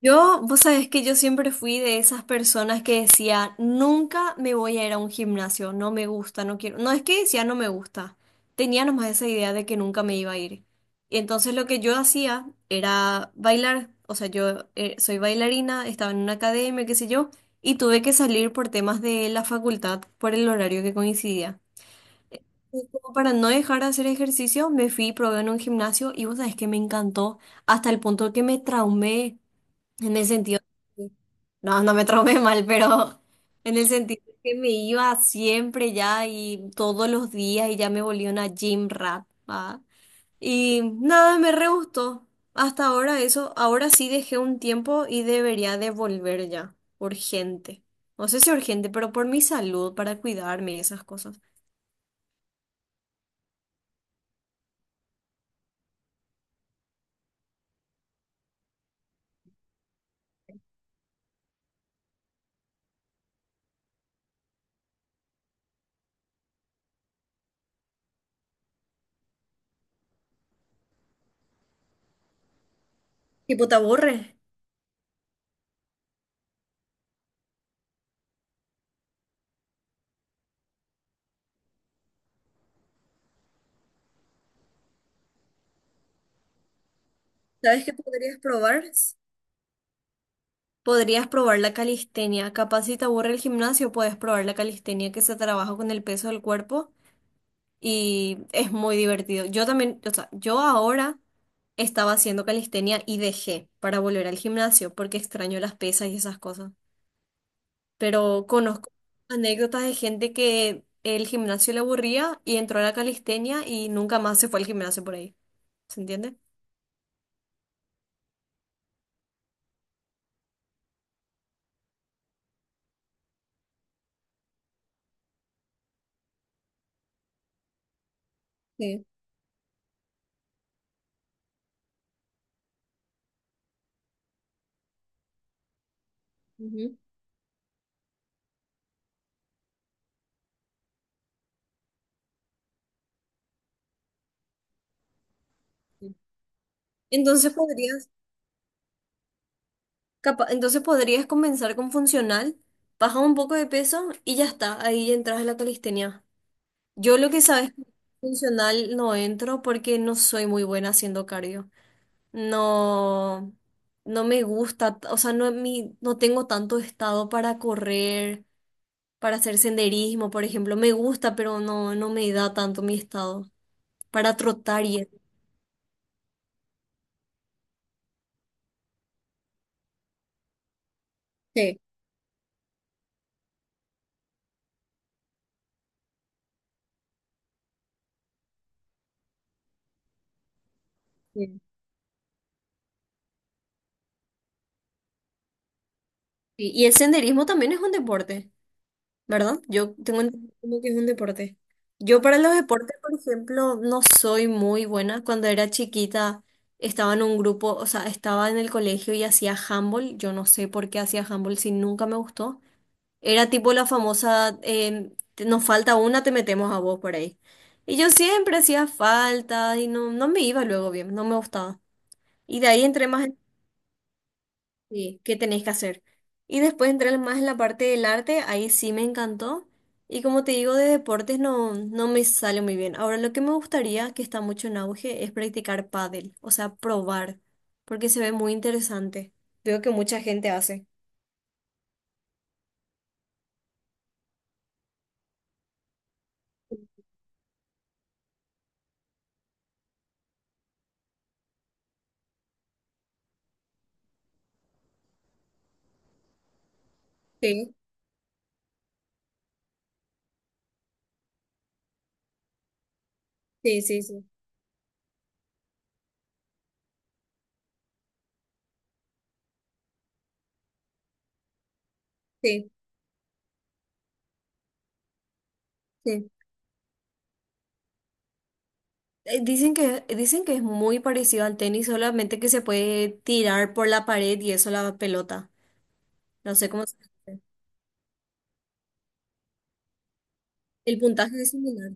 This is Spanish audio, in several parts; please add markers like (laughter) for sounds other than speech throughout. Yo, vos sabés que yo siempre fui de esas personas que decía, nunca me voy a ir a un gimnasio, no me gusta, no quiero. No es que decía no me gusta, tenía nomás esa idea de que nunca me iba a ir. Y entonces lo que yo hacía era bailar, o sea, yo soy bailarina, estaba en una academia, qué sé yo, y tuve que salir por temas de la facultad, por el horario que coincidía. Y como para no dejar de hacer ejercicio, me fui y probé en un gimnasio y vos sabés que me encantó hasta el punto que me traumé. En el sentido, no me traumé mal, pero (laughs) en el sentido que me iba siempre ya y todos los días y ya me volví una gym rat, ¿va? Y nada, me re gustó. Hasta ahora eso, ahora sí dejé un tiempo y debería de volver ya, urgente. No sé si urgente, pero por mi salud, para cuidarme y esas cosas. Tipo, ¿te aburre? ¿Sabes qué podrías probar? Podrías probar la calistenia. Capaz si te aburre el gimnasio, puedes probar la calistenia que se trabaja con el peso del cuerpo y es muy divertido. Yo también, o sea, yo ahora estaba haciendo calistenia y dejé para volver al gimnasio porque extraño las pesas y esas cosas. Pero conozco anécdotas de gente que el gimnasio le aburría y entró a la calistenia y nunca más se fue al gimnasio por ahí. ¿Se entiende? Sí. Ujú. Entonces podrías Capa- entonces podrías comenzar con funcional, bajas un poco de peso y ya está, ahí ya entras a la calistenia. Yo lo que sabes, funcional no entro porque no soy muy buena haciendo cardio. No, no me gusta, o sea, no, mi, no tengo tanto estado para correr, para hacer senderismo, por ejemplo. Me gusta, pero no me da tanto mi estado para trotar y... Sí, sí. Sí, y el senderismo también es un deporte. ¿Verdad? Yo tengo entendido que es un deporte. Yo para los deportes, por ejemplo, no soy muy buena. Cuando era chiquita estaba en un grupo, o sea, estaba en el colegio y hacía handball. Yo no sé por qué hacía handball si nunca me gustó. Era tipo la famosa, te- nos falta una, te metemos a vos por ahí. Y yo siempre hacía falta y no me iba luego bien, no me gustaba. Y de ahí entré más. Sí, ¿qué tenés que hacer? Y después entrar más en la parte del arte, ahí sí me encantó. Y como te digo, de deportes no me sale muy bien. Ahora, lo que me gustaría, que está mucho en auge, es practicar pádel, o sea, probar, porque se ve muy interesante. Veo que mucha gente hace. Sí, sí, sí, sí, sí, sí. Dicen dicen que es muy parecido al tenis, solamente que se puede tirar por la pared y eso la pelota. No sé cómo se dice. El puntaje es similar.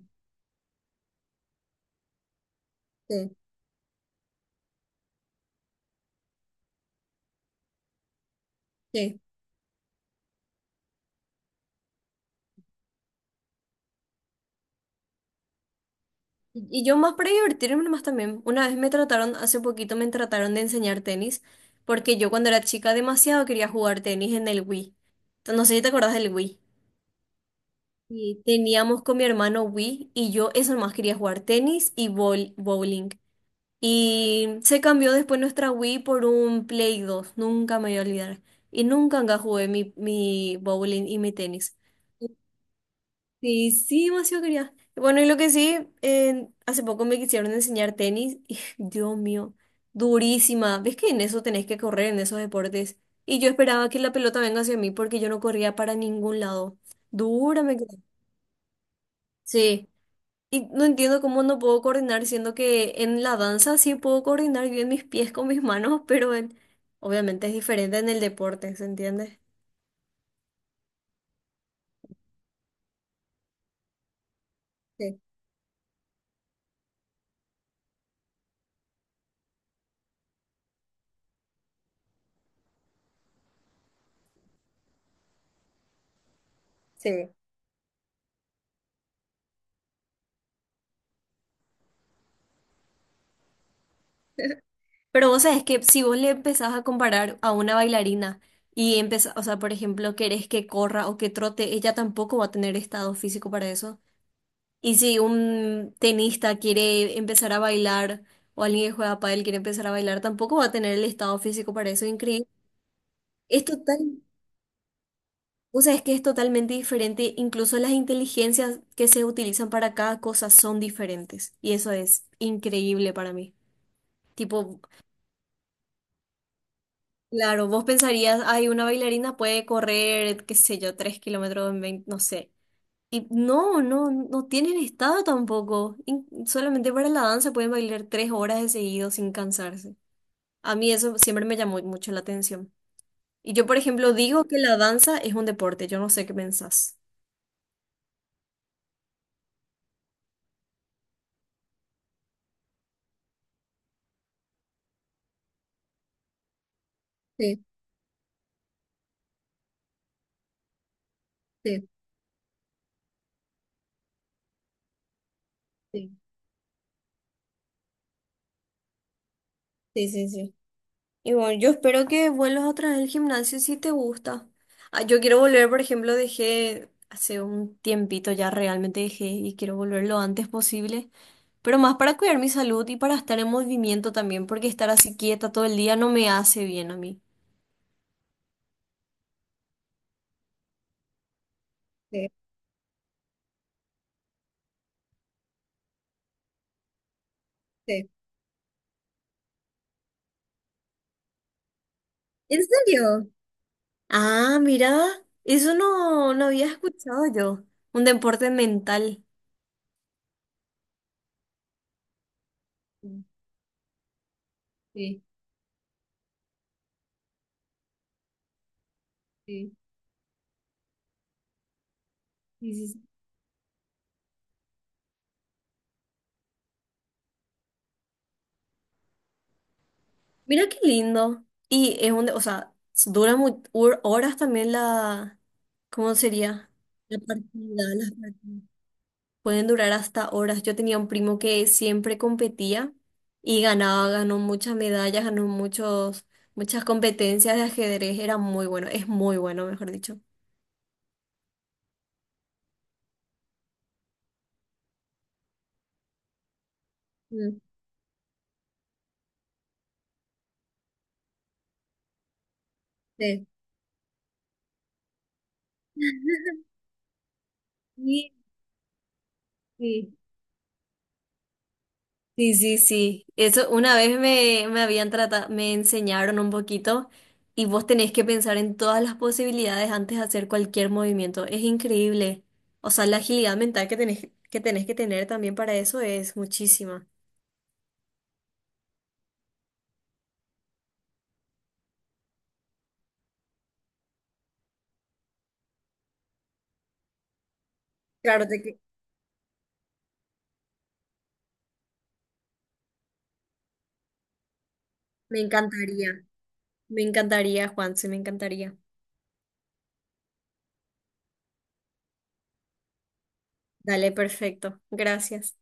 Sí, sí. Y yo más para divertirme más también. Una vez me trataron, hace poquito me trataron de enseñar tenis, porque yo cuando era chica demasiado quería jugar tenis en el Wii. Entonces, no sé si te acordás del Wii. Y teníamos con mi hermano Wii y yo eso nomás quería jugar tenis y bowl- bowling. Y se cambió después nuestra Wii por un Play dos, nunca me voy a olvidar. Y nunca nunca jugué mi, mi bowling y mi tenis. Sí, sí, demasiado quería. Bueno, y lo que sí, hace poco me quisieron enseñar tenis y (laughs) Dios mío, durísima. ¿Ves que en eso tenés que correr, en esos deportes? Y yo esperaba que la pelota venga hacia mí porque yo no corría para ningún lado. Dura me quedó. Sí, y no entiendo cómo no puedo coordinar, siendo que en la danza sí puedo coordinar bien mis pies con mis manos, (laughs) pero en- obviamente es diferente en el deporte, ¿se entiende? Sí, sí. Pero vos sabés que si vos le empezás a comparar a una bailarina y empezás, o sea, por ejemplo, querés que corra o que trote, ella tampoco va a tener estado físico para eso. Y si un tenista quiere empezar a bailar o alguien que juega pádel quiere empezar a bailar, tampoco va a tener el estado físico para eso. Increíble. Es total, o sea, es que es totalmente diferente. Incluso las inteligencias que se utilizan para cada cosa son diferentes. Y eso es increíble para mí. Tipo, claro, vos pensarías, ay, una bailarina puede correr, qué sé yo, 3 kilómetros en 20, no sé. Y no tienen estado tampoco. In- solamente para la danza pueden bailar 3 horas de seguido sin cansarse. A mí eso siempre me llamó mucho la atención. Y yo, por ejemplo, digo que la danza es un deporte. Yo no sé qué pensás. Sí, sí, sí. Sí, sí, sí. Y bueno, yo espero que vuelvas otra vez al gimnasio si te gusta. Ah, yo quiero volver, por ejemplo, dejé hace un tiempito ya realmente dejé y quiero volver lo antes posible, pero más para cuidar mi salud y para estar en movimiento también, porque estar así quieta todo el día no me hace bien a mí. Sí, sí. ¿En serio? Ah, mira, eso no, no había escuchado yo. Un deporte mental. Sí, sí, sí, sí, sí. Mira qué lindo. Y es un, o sea, dura mu- hor- horas también la, ¿cómo sería? La partida, las partidas. Pueden durar hasta horas. Yo tenía un primo que siempre competía y ganaba, ganó muchas medallas, ganó muchos, muchas competencias de ajedrez. Era muy bueno, es muy bueno, mejor dicho. Mm, sí. (laughs) Sí, sí. Sí, sí, sí. Eso una vez me, me habían tratado, me enseñaron un poquito y vos tenés que pensar en todas las posibilidades antes de hacer cualquier movimiento. Es increíble. O sea, la agilidad mental que tenés que tener también para eso es muchísima. Claro, te que- me encantaría. Me encantaría, Juanse, me encantaría. Dale, perfecto. Gracias.